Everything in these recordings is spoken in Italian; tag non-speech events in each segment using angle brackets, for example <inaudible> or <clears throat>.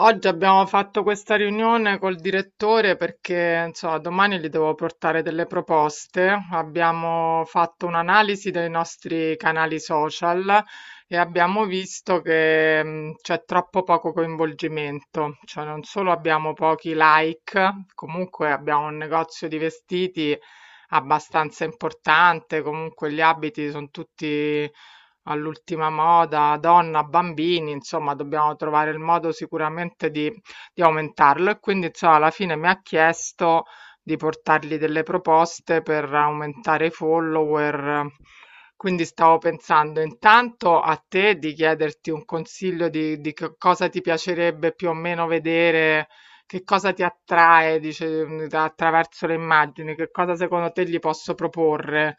Oggi abbiamo fatto questa riunione col direttore perché, insomma, domani gli devo portare delle proposte. Abbiamo fatto un'analisi dei nostri canali social e abbiamo visto che c'è troppo poco coinvolgimento, cioè non solo abbiamo pochi like, comunque abbiamo un negozio di vestiti abbastanza importante, comunque gli abiti sono tutti all'ultima moda, donna, bambini, insomma, dobbiamo trovare il modo sicuramente di aumentarlo. E quindi, insomma, alla fine mi ha chiesto di portargli delle proposte per aumentare i follower. Quindi stavo pensando intanto a te di chiederti un consiglio di che cosa ti piacerebbe più o meno vedere, che cosa ti attrae, dice, attraverso le immagini, che cosa secondo te gli posso proporre.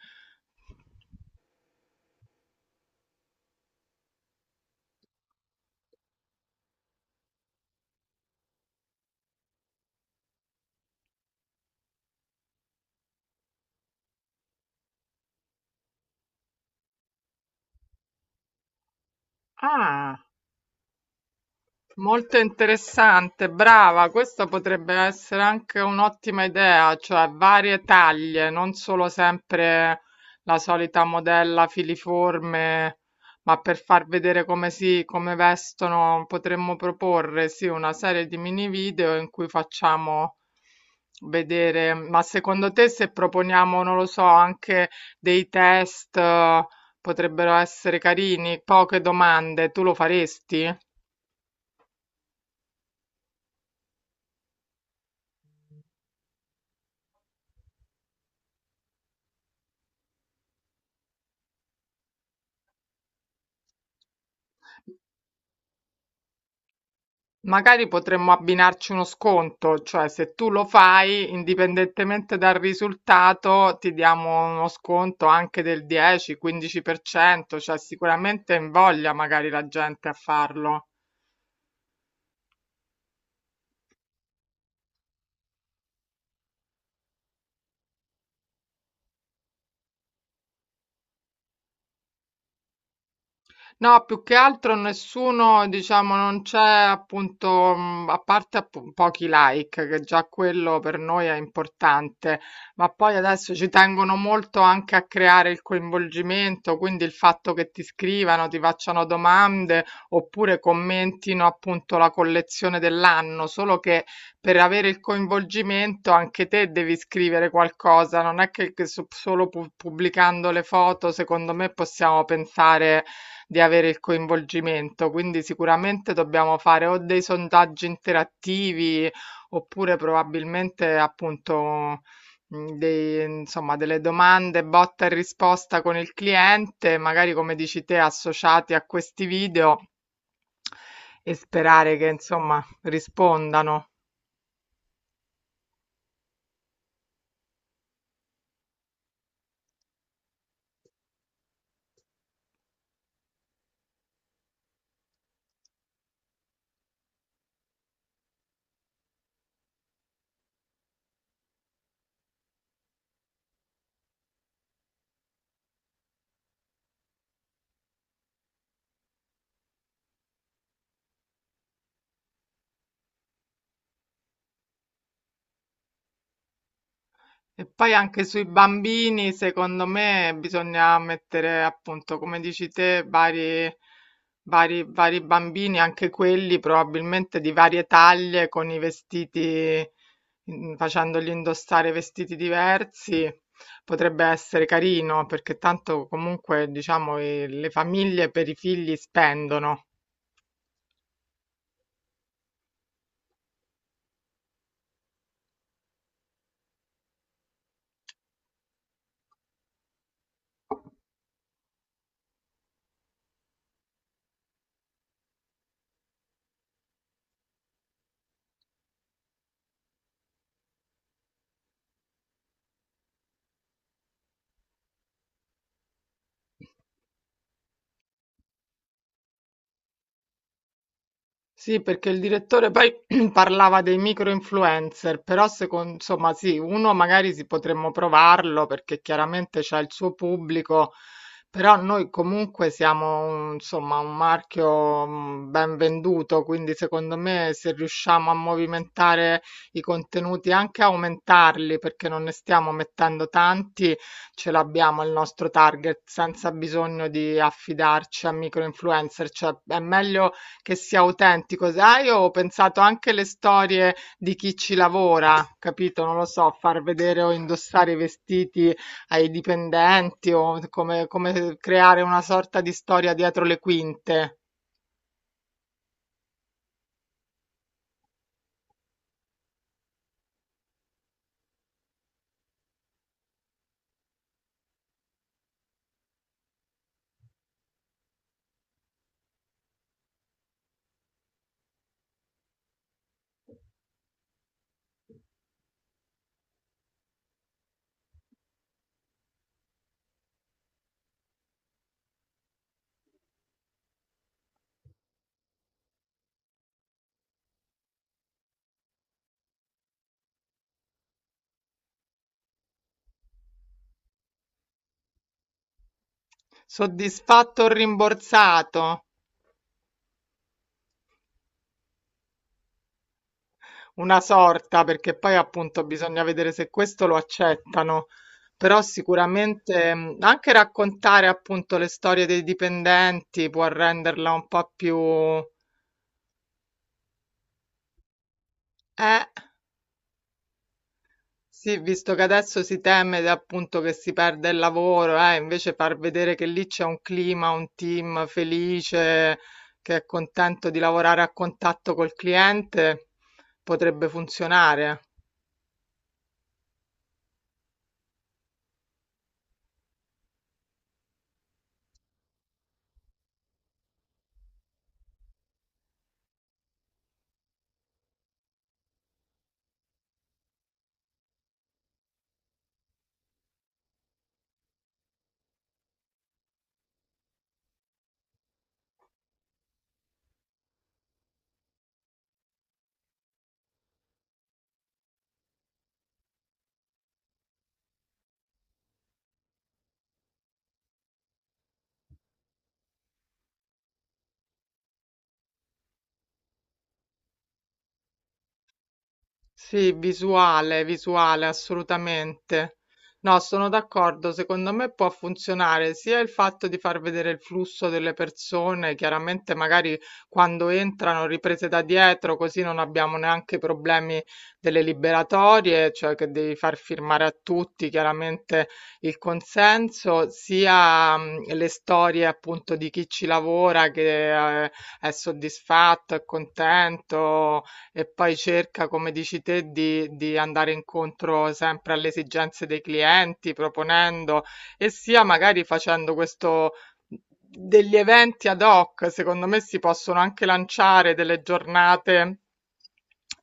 Ah. Molto interessante, brava, questa potrebbe essere anche un'ottima idea, cioè varie taglie, non solo sempre la solita modella filiforme, ma per far vedere come vestono, potremmo proporre, sì, una serie di mini video in cui facciamo vedere, ma secondo te se proponiamo, non lo so, anche dei test, potrebbero essere carini, poche domande, tu lo faresti? Magari potremmo abbinarci uno sconto, cioè se tu lo fai, indipendentemente dal risultato, ti diamo uno sconto anche del 10-15%, cioè sicuramente invoglia magari la gente a farlo. No, più che altro nessuno, diciamo, non c'è appunto, a parte pochi like, che già quello per noi è importante, ma poi adesso ci tengono molto anche a creare il coinvolgimento, quindi il fatto che ti scrivano, ti facciano domande oppure commentino appunto la collezione dell'anno, solo che per avere il coinvolgimento anche te devi scrivere qualcosa, non è che solo pubblicando le foto, secondo me possiamo pensare di avere il coinvolgimento, quindi sicuramente dobbiamo fare o dei sondaggi interattivi oppure probabilmente appunto insomma, delle domande botta e risposta con il cliente, magari come dici te, associati a questi video e sperare che insomma rispondano. E poi anche sui bambini, secondo me, bisogna mettere appunto, come dici te, vari bambini, anche quelli probabilmente di varie taglie, con i vestiti, facendogli indossare vestiti diversi. Potrebbe essere carino, perché tanto comunque, diciamo, le famiglie per i figli spendono. Sì, perché il direttore poi <clears throat> parlava dei micro-influencer, però secondo, insomma sì, uno magari si potremmo provarlo perché chiaramente c'ha il suo pubblico, però noi comunque siamo insomma un marchio ben venduto, quindi secondo me se riusciamo a movimentare i contenuti, anche aumentarli, perché non ne stiamo mettendo tanti, ce l'abbiamo il nostro target senza bisogno di affidarci a micro-influencer, cioè è meglio che sia autentico, sai? Io ho pensato anche alle storie di chi ci lavora, capito? Non lo so, far vedere o indossare i vestiti ai dipendenti o come creare una sorta di storia dietro le quinte. Soddisfatto o rimborsato? Una sorta, perché poi appunto bisogna vedere se questo lo accettano. Però sicuramente anche raccontare appunto le storie dei dipendenti può renderla un po' più... Eh. Sì, visto che adesso si teme appunto che si perda il lavoro, invece far vedere che lì c'è un clima, un team felice, che è contento di lavorare a contatto col cliente, potrebbe funzionare. Eh. Sì, visuale, visuale, assolutamente. No, sono d'accordo, secondo me può funzionare sia il fatto di far vedere il flusso delle persone, chiaramente magari quando entrano riprese da dietro, così non abbiamo neanche problemi delle liberatorie, cioè che devi far firmare a tutti chiaramente il consenso, sia le storie appunto di chi ci lavora che è soddisfatto, è contento e poi cerca, come dici te, di andare incontro sempre alle esigenze dei clienti, proponendo e sia magari facendo questo degli eventi ad hoc. Secondo me si possono anche lanciare delle giornate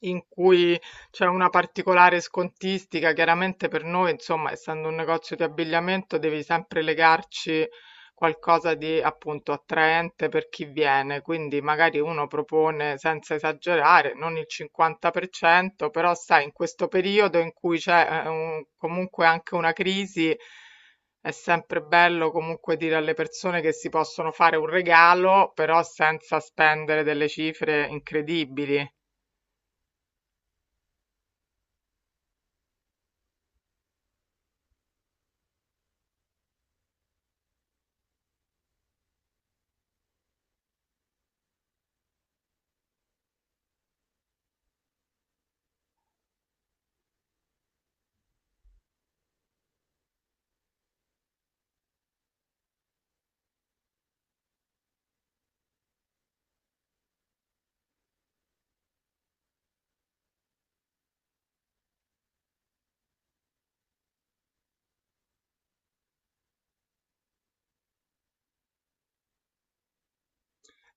in cui c'è una particolare scontistica. Chiaramente per noi, insomma, essendo un negozio di abbigliamento, devi sempre legarci qualcosa di appunto attraente per chi viene, quindi magari uno propone senza esagerare, non il 50%, però sai, in questo periodo in cui c'è comunque anche una crisi, è sempre bello comunque dire alle persone che si possono fare un regalo, però senza spendere delle cifre incredibili.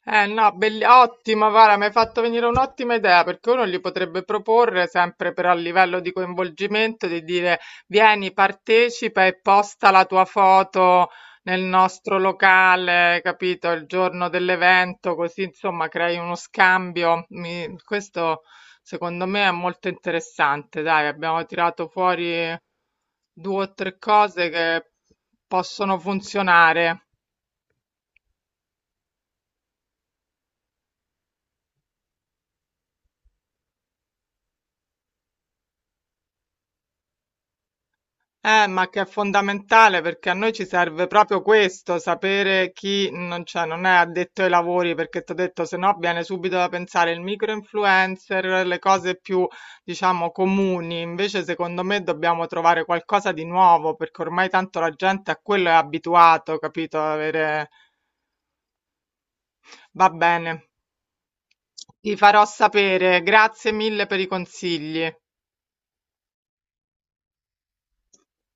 Eh no, ottimo, guarda, mi hai fatto venire un'ottima idea perché uno gli potrebbe proporre sempre però a livello di coinvolgimento di dire vieni, partecipa e posta la tua foto nel nostro locale, capito, il giorno dell'evento, così insomma crei uno scambio. Questo secondo me è molto interessante, dai, abbiamo tirato fuori 2 o 3 cose che possono funzionare. Ma che è fondamentale perché a noi ci serve proprio questo, sapere chi non, cioè, non è addetto ai lavori, perché ti ho detto, se no viene subito da pensare il micro-influencer, le cose più, diciamo, comuni. Invece, secondo me, dobbiamo trovare qualcosa di nuovo, perché ormai tanto la gente a quello è abituato, capito? Avere... Va bene. Ti farò sapere. Grazie mille per i consigli.